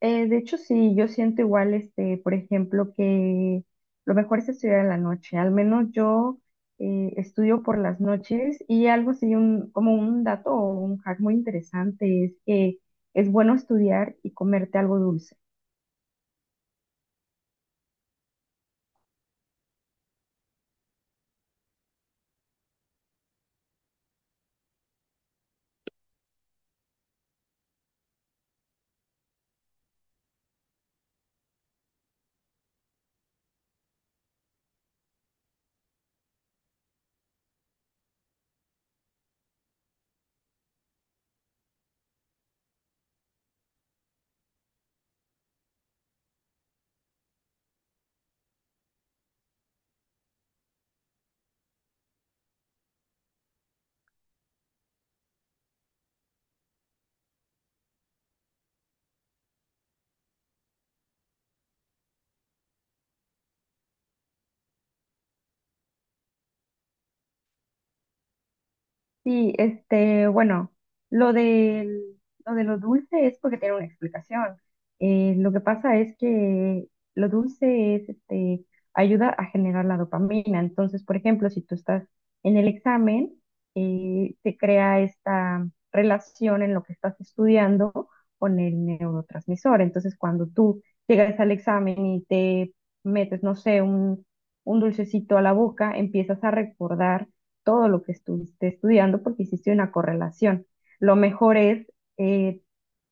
De hecho, sí, yo siento igual, por ejemplo, que lo mejor es estudiar en la noche. Al menos yo estudio por las noches y algo así, como un dato o un hack muy interesante es que es bueno estudiar y comerte algo dulce. Sí, bueno, lo del, lo de lo dulce es porque tiene una explicación. Lo que pasa es que lo dulce es, ayuda a generar la dopamina. Entonces, por ejemplo, si tú estás en el examen, se crea esta relación en lo que estás estudiando con el neurotransmisor. Entonces, cuando tú llegas al examen y te metes, no sé, un dulcecito a la boca, empiezas a recordar todo lo que estuviste estudiando porque hiciste una correlación. Lo mejor es eh,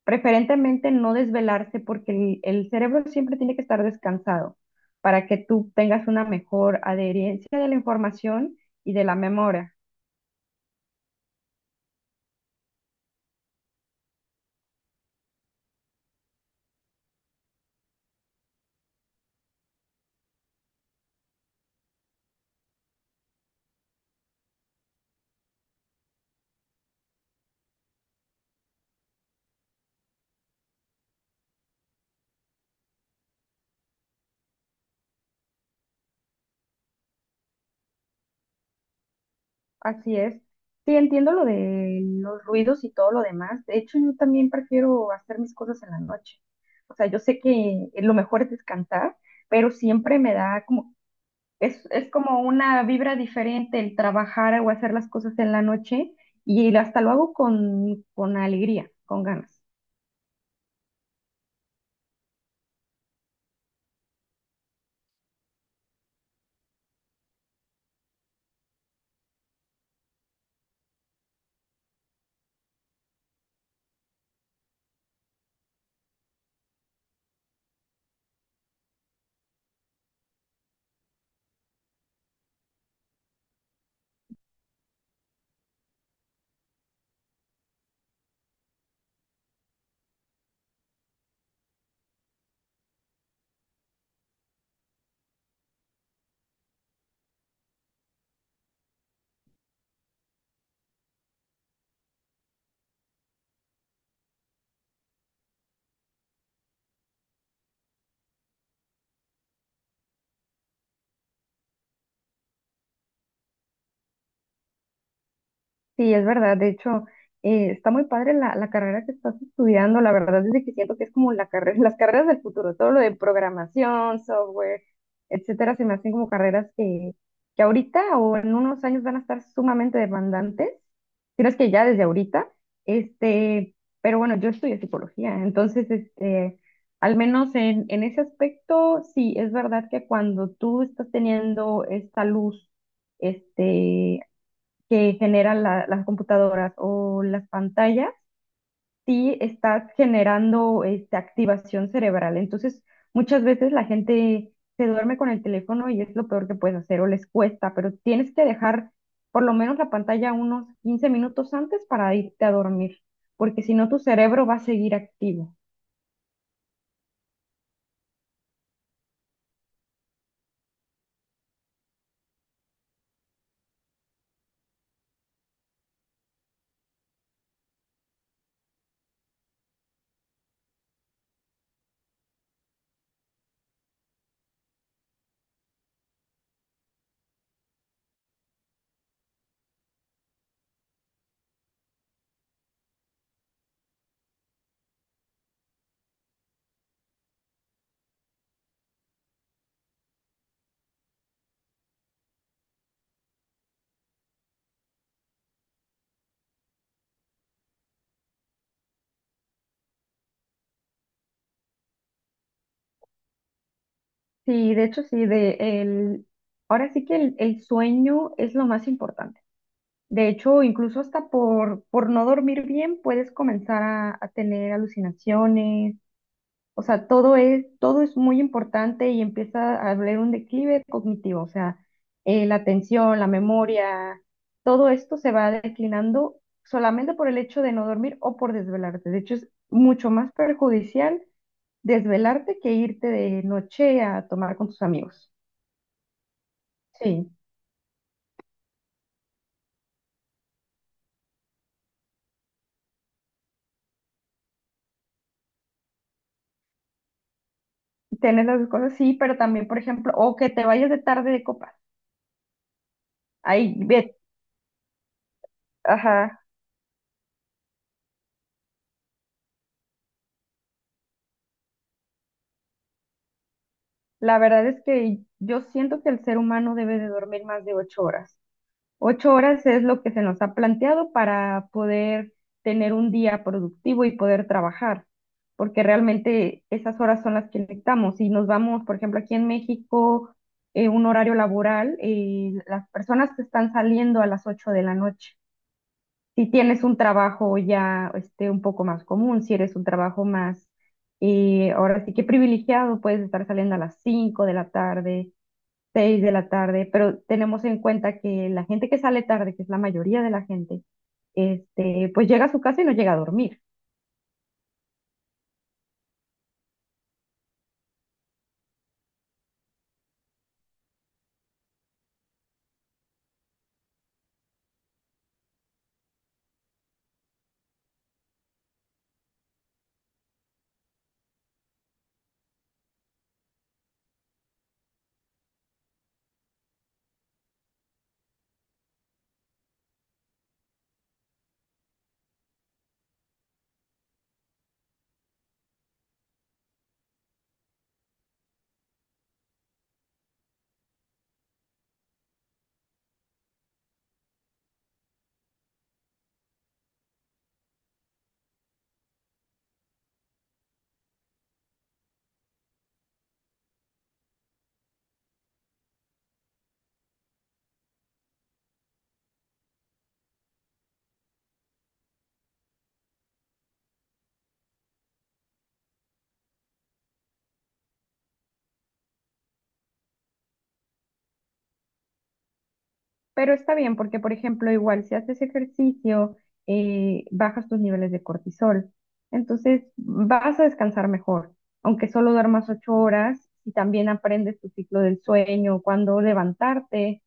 preferentemente no desvelarse porque el cerebro siempre tiene que estar descansado para que tú tengas una mejor adherencia de la información y de la memoria. Así es. Sí, entiendo lo de los ruidos y todo lo demás. De hecho, yo también prefiero hacer mis cosas en la noche. O sea, yo sé que lo mejor es descansar, pero siempre me da como. Es como una vibra diferente el trabajar o hacer las cosas en la noche y hasta lo hago con alegría, con ganas. Sí, es verdad. De hecho, está muy padre la carrera que estás estudiando. La verdad es de que siento que es como la carrera, las carreras del futuro. Todo lo de programación, software, etcétera, se me hacen como carreras que ahorita o en unos años van a estar sumamente demandantes. Si no es que ya desde ahorita. Este, pero bueno, yo estudio psicología. Entonces, al menos en ese aspecto, sí, es verdad que cuando tú estás teniendo esta luz, este, que generan las computadoras o las pantallas, sí estás generando activación cerebral. Entonces, muchas veces la gente se duerme con el teléfono y es lo peor que puedes hacer o les cuesta, pero tienes que dejar por lo menos la pantalla unos 15 minutos antes para irte a dormir, porque si no tu cerebro va a seguir activo. Sí, de hecho, sí, ahora sí que el sueño es lo más importante. De hecho, incluso hasta por no dormir bien puedes comenzar a tener alucinaciones. O sea, todo es muy importante y empieza a haber un declive cognitivo. O sea, la atención, la memoria, todo esto se va declinando solamente por el hecho de no dormir o por desvelarte. De hecho, es mucho más perjudicial desvelarte que irte de noche a tomar con tus amigos. Sí, tienes las dos cosas, sí, pero también, por ejemplo, o que te vayas de tarde de copas. Ahí Ajá, la verdad es que yo siento que el ser humano debe de dormir más de 8 horas. 8 horas es lo que se nos ha planteado para poder tener un día productivo y poder trabajar, porque realmente esas horas son las que necesitamos. Si nos vamos, por ejemplo, aquí en México, un horario laboral, las personas que están saliendo a las 8 de la noche. Si tienes un trabajo ya un poco más común, si eres un trabajo más, ahora sí que privilegiado, puedes estar saliendo a las 5 de la tarde, 6 de la tarde, pero tenemos en cuenta que la gente que sale tarde, que es la mayoría de la gente, pues llega a su casa y no llega a dormir. Pero está bien porque, por ejemplo, igual si haces ejercicio, bajas tus niveles de cortisol. Entonces vas a descansar mejor. Aunque solo duermas 8 horas y también aprendes tu ciclo del sueño, cuándo levantarte.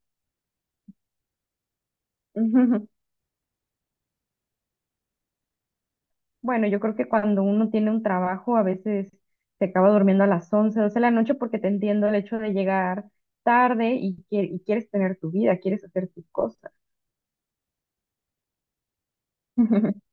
Bueno, yo creo que cuando uno tiene un trabajo a veces se acaba durmiendo a las 11 12 de la noche porque te entiendo el hecho de llegar tarde y quieres tener tu vida, quieres hacer tus cosas.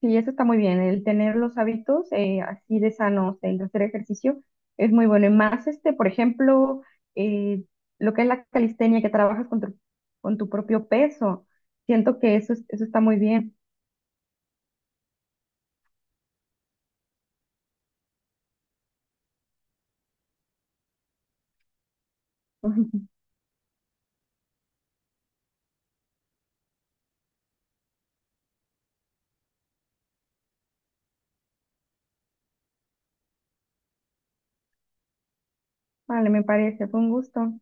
Sí, eso está muy bien. El tener los hábitos así de sanos, el hacer ejercicio, es muy bueno. Y más, por ejemplo, eh, lo que es la calistenia, que trabajas con tu, propio peso. Siento que eso está muy bien. Vale, me parece. Fue un gusto.